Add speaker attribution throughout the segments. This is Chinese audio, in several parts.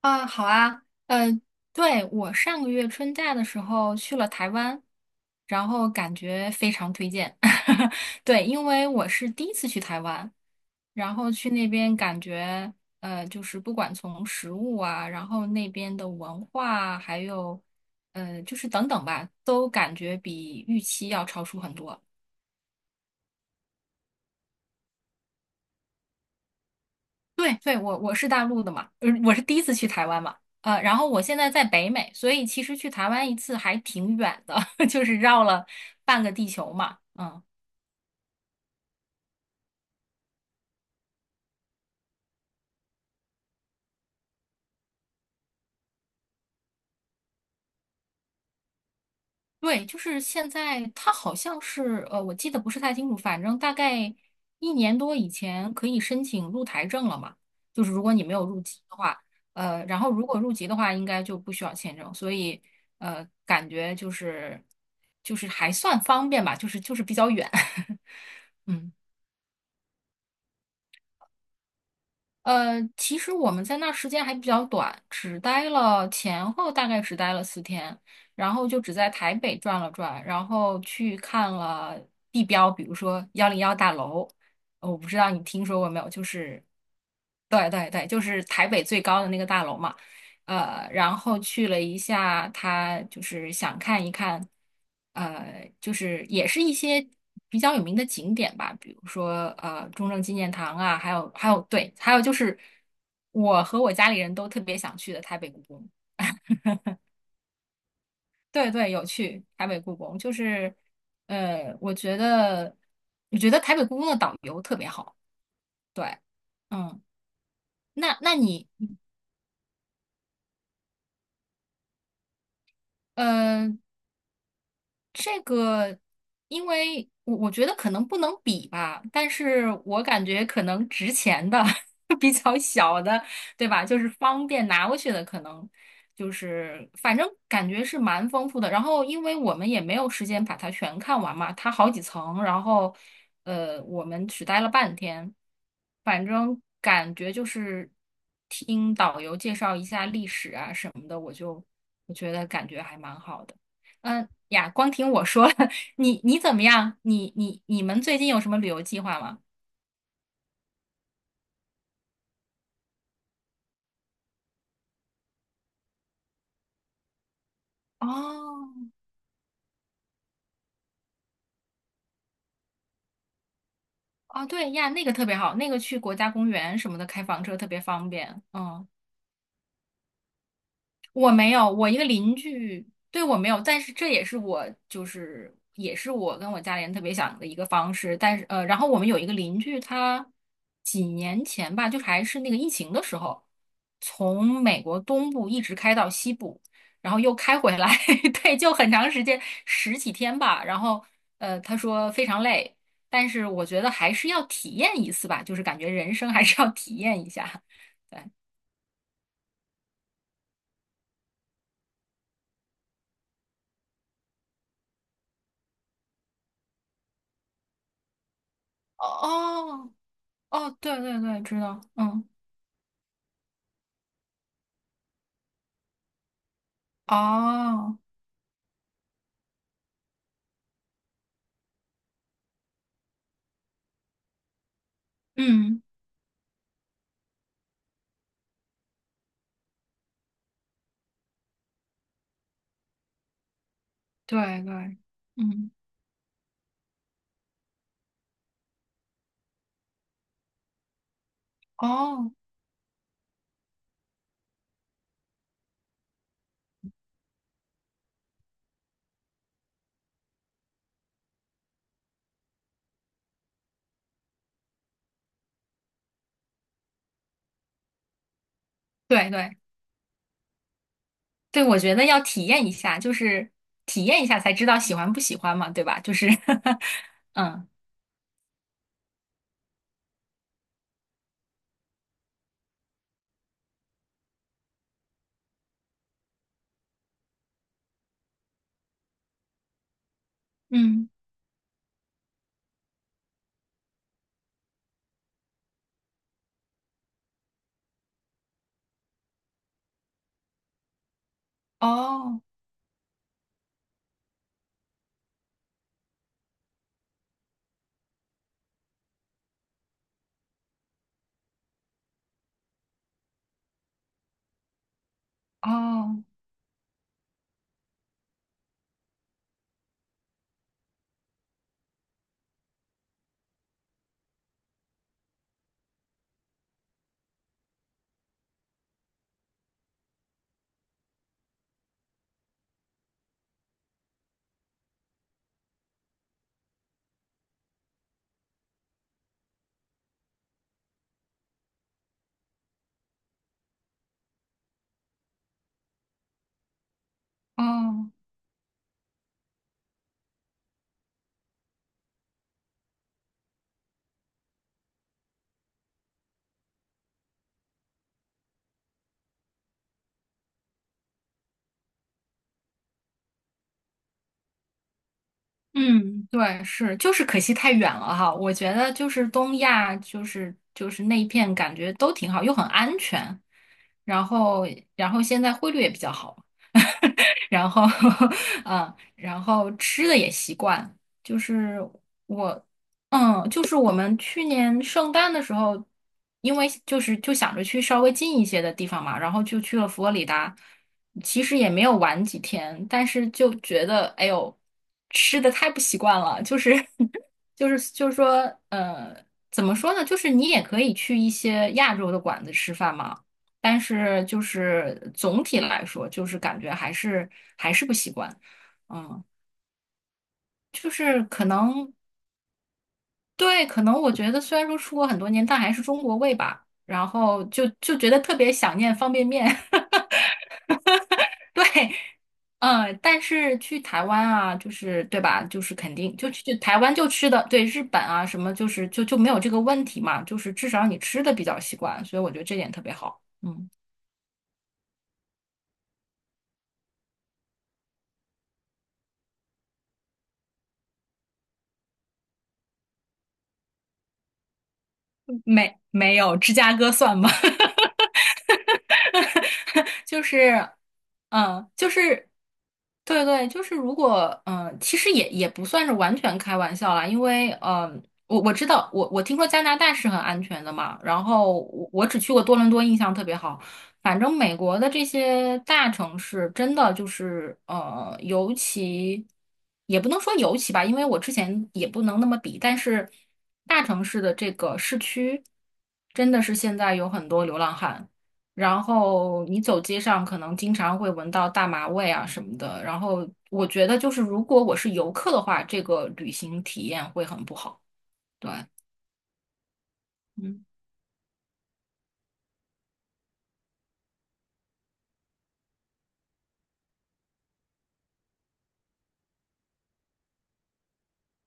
Speaker 1: 啊，好啊，呃，对，我上个月春假的时候去了台湾，然后感觉非常推荐。对，因为我是第一次去台湾，然后去那边感觉，就是不管从食物啊，然后那边的文化啊还有，就是等等吧，都感觉比预期要超出很多。对对，我是大陆的嘛，我是第一次去台湾嘛，然后我现在在北美，所以其实去台湾一次还挺远的，就是绕了半个地球嘛，嗯，对，就是现在它好像是，我记得不是太清楚，反正大概一年多以前可以申请入台证了嘛，就是如果你没有入籍的话，然后如果入籍的话，应该就不需要签证，所以感觉就是还算方便吧，就是比较远，嗯。其实我们在那儿时间还比较短，只待了前后大概只待了4天，然后就只在台北转了转，然后去看了地标，比如说101大楼，我不知道你听说过没有，就是，对对对，就是台北最高的那个大楼嘛。然后去了一下，他就是想看一看，就是也是一些比较有名的景点吧，比如说中正纪念堂啊，还有对，还有就是我和我家里人都特别想去的台北故宫。对对，有去台北故宫，就是呃，我觉得我觉得台北故宫的导游特别好。对，嗯，那那你嗯。这个，因为我觉得可能不能比吧，但是我感觉可能值钱的 比较小的，对吧？就是方便拿过去的，可能就是反正感觉是蛮丰富的。然后，因为我们也没有时间把它全看完嘛，它好几层，然后我们只待了半天，反正感觉就是听导游介绍一下历史啊什么的，我觉得感觉还蛮好的。嗯呀，光听我说，你怎么样？你们最近有什么旅游计划吗？哦哦，对呀，那个特别好，那个去国家公园什么的开房车特别方便。嗯。我没有，我一个邻居对我没有，但是这也是我就是也是我跟我家里人特别想的一个方式。但是然后我们有一个邻居，他几年前吧，就还是那个疫情的时候，从美国东部一直开到西部，然后又开回来，对，就很长时间，10几天吧。然后他说非常累，但是我觉得还是要体验一次吧，就是感觉人生还是要体验一下。对。哦，哦，对对对，知道，嗯，哦，嗯，对对，嗯，哦，对对对，我觉得要体验一下，就是体验一下才知道喜欢不喜欢嘛，对吧？就是 嗯嗯，哦哦哦，嗯，对，是，就是可惜太远了哈。我觉得就是东亚，就是那一片感觉都挺好，又很安全，然后然后现在汇率也比较好，然后 嗯，然后吃的也习惯，就是。我。嗯，就是我们去年圣诞的时候，因为就是就想着去稍微近一些的地方嘛，然后就去了佛罗里达，其实也没有玩几天，但是就觉得哎呦，吃的太不习惯了，就是 就是说，呃，怎么说呢？就是你也可以去一些亚洲的馆子吃饭嘛，但是就是总体来说，就是感觉还是不习惯，嗯。就是可能对，可能我觉得虽然说出国很多年，但还是中国味吧。然后就觉得特别想念方便面，嗯，但是去台湾啊，就是对吧？就是肯定就去台湾就吃的，对日本啊什么，就是没有这个问题嘛，就是至少你吃的比较习惯，所以我觉得这点特别好。嗯，没有芝加哥算吗？就是，嗯，就是，对对，就是如果，嗯，其实也不算是完全开玩笑啦，因为，嗯，呃我知道，我听说加拿大是很安全的嘛，然后我只去过多伦多，印象特别好。反正美国的这些大城市，真的就是，也不能说尤其吧，因为我之前也不能那么比，但是大城市的这个市区，真的是现在有很多流浪汉。然后你走街上可能经常会闻到大麻味啊什么的。然后我觉得就是如果我是游客的话，这个旅行体验会很不好。对，嗯，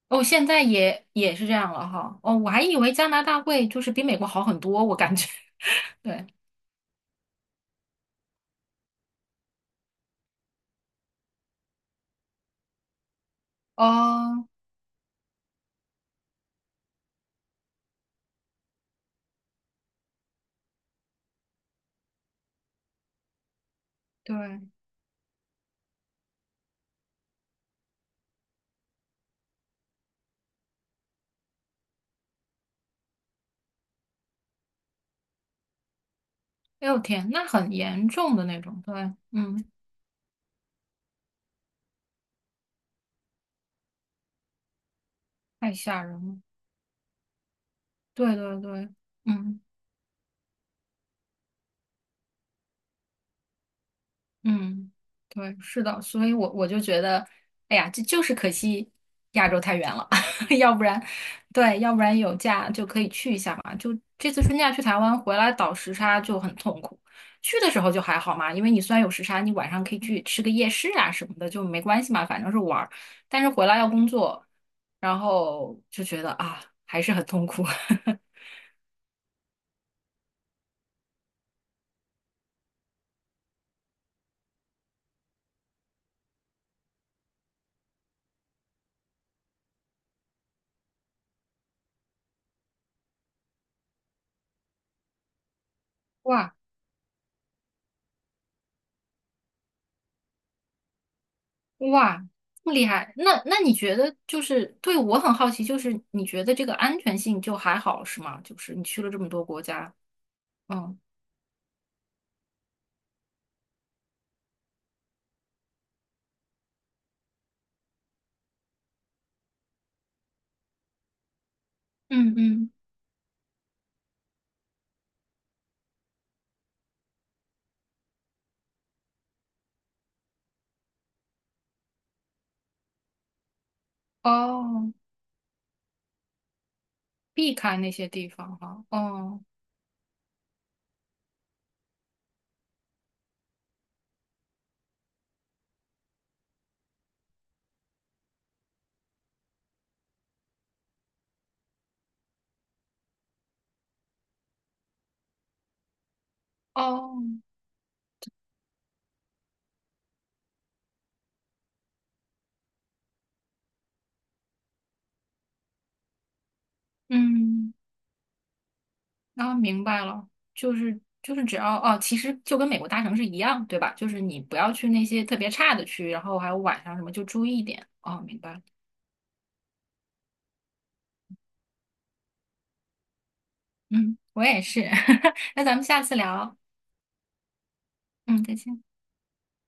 Speaker 1: 哦，现在也也是这样了哈。哦，我还以为加拿大会就是比美国好很多，我感觉。对，哦，对，哎呦天，那很严重的那种。对，嗯，太吓人了。对对对，嗯。嗯，对，是的，所以我就觉得，哎呀，这就是可惜亚洲太远了，要不然，对，要不然有假就可以去一下嘛。就这次春假去台湾回来倒时差就很痛苦，去的时候就还好嘛，因为你虽然有时差，你晚上可以去吃个夜市啊什么的，就没关系嘛，反正是玩儿。但是回来要工作，然后就觉得啊，还是很痛苦。哇，哇，这么厉害！那你觉得就是对我很好奇，就是你觉得这个安全性就还好是吗？就是你去了这么多国家，嗯嗯嗯，哦，避开那些地方哈，哦哦，嗯，啊，明白了，就是只要哦，其实就跟美国大城市一样，对吧？就是你不要去那些特别差的区，然后还有晚上什么就注意一点。哦，明白了嗯，我也是，那咱们下次聊，嗯，再见。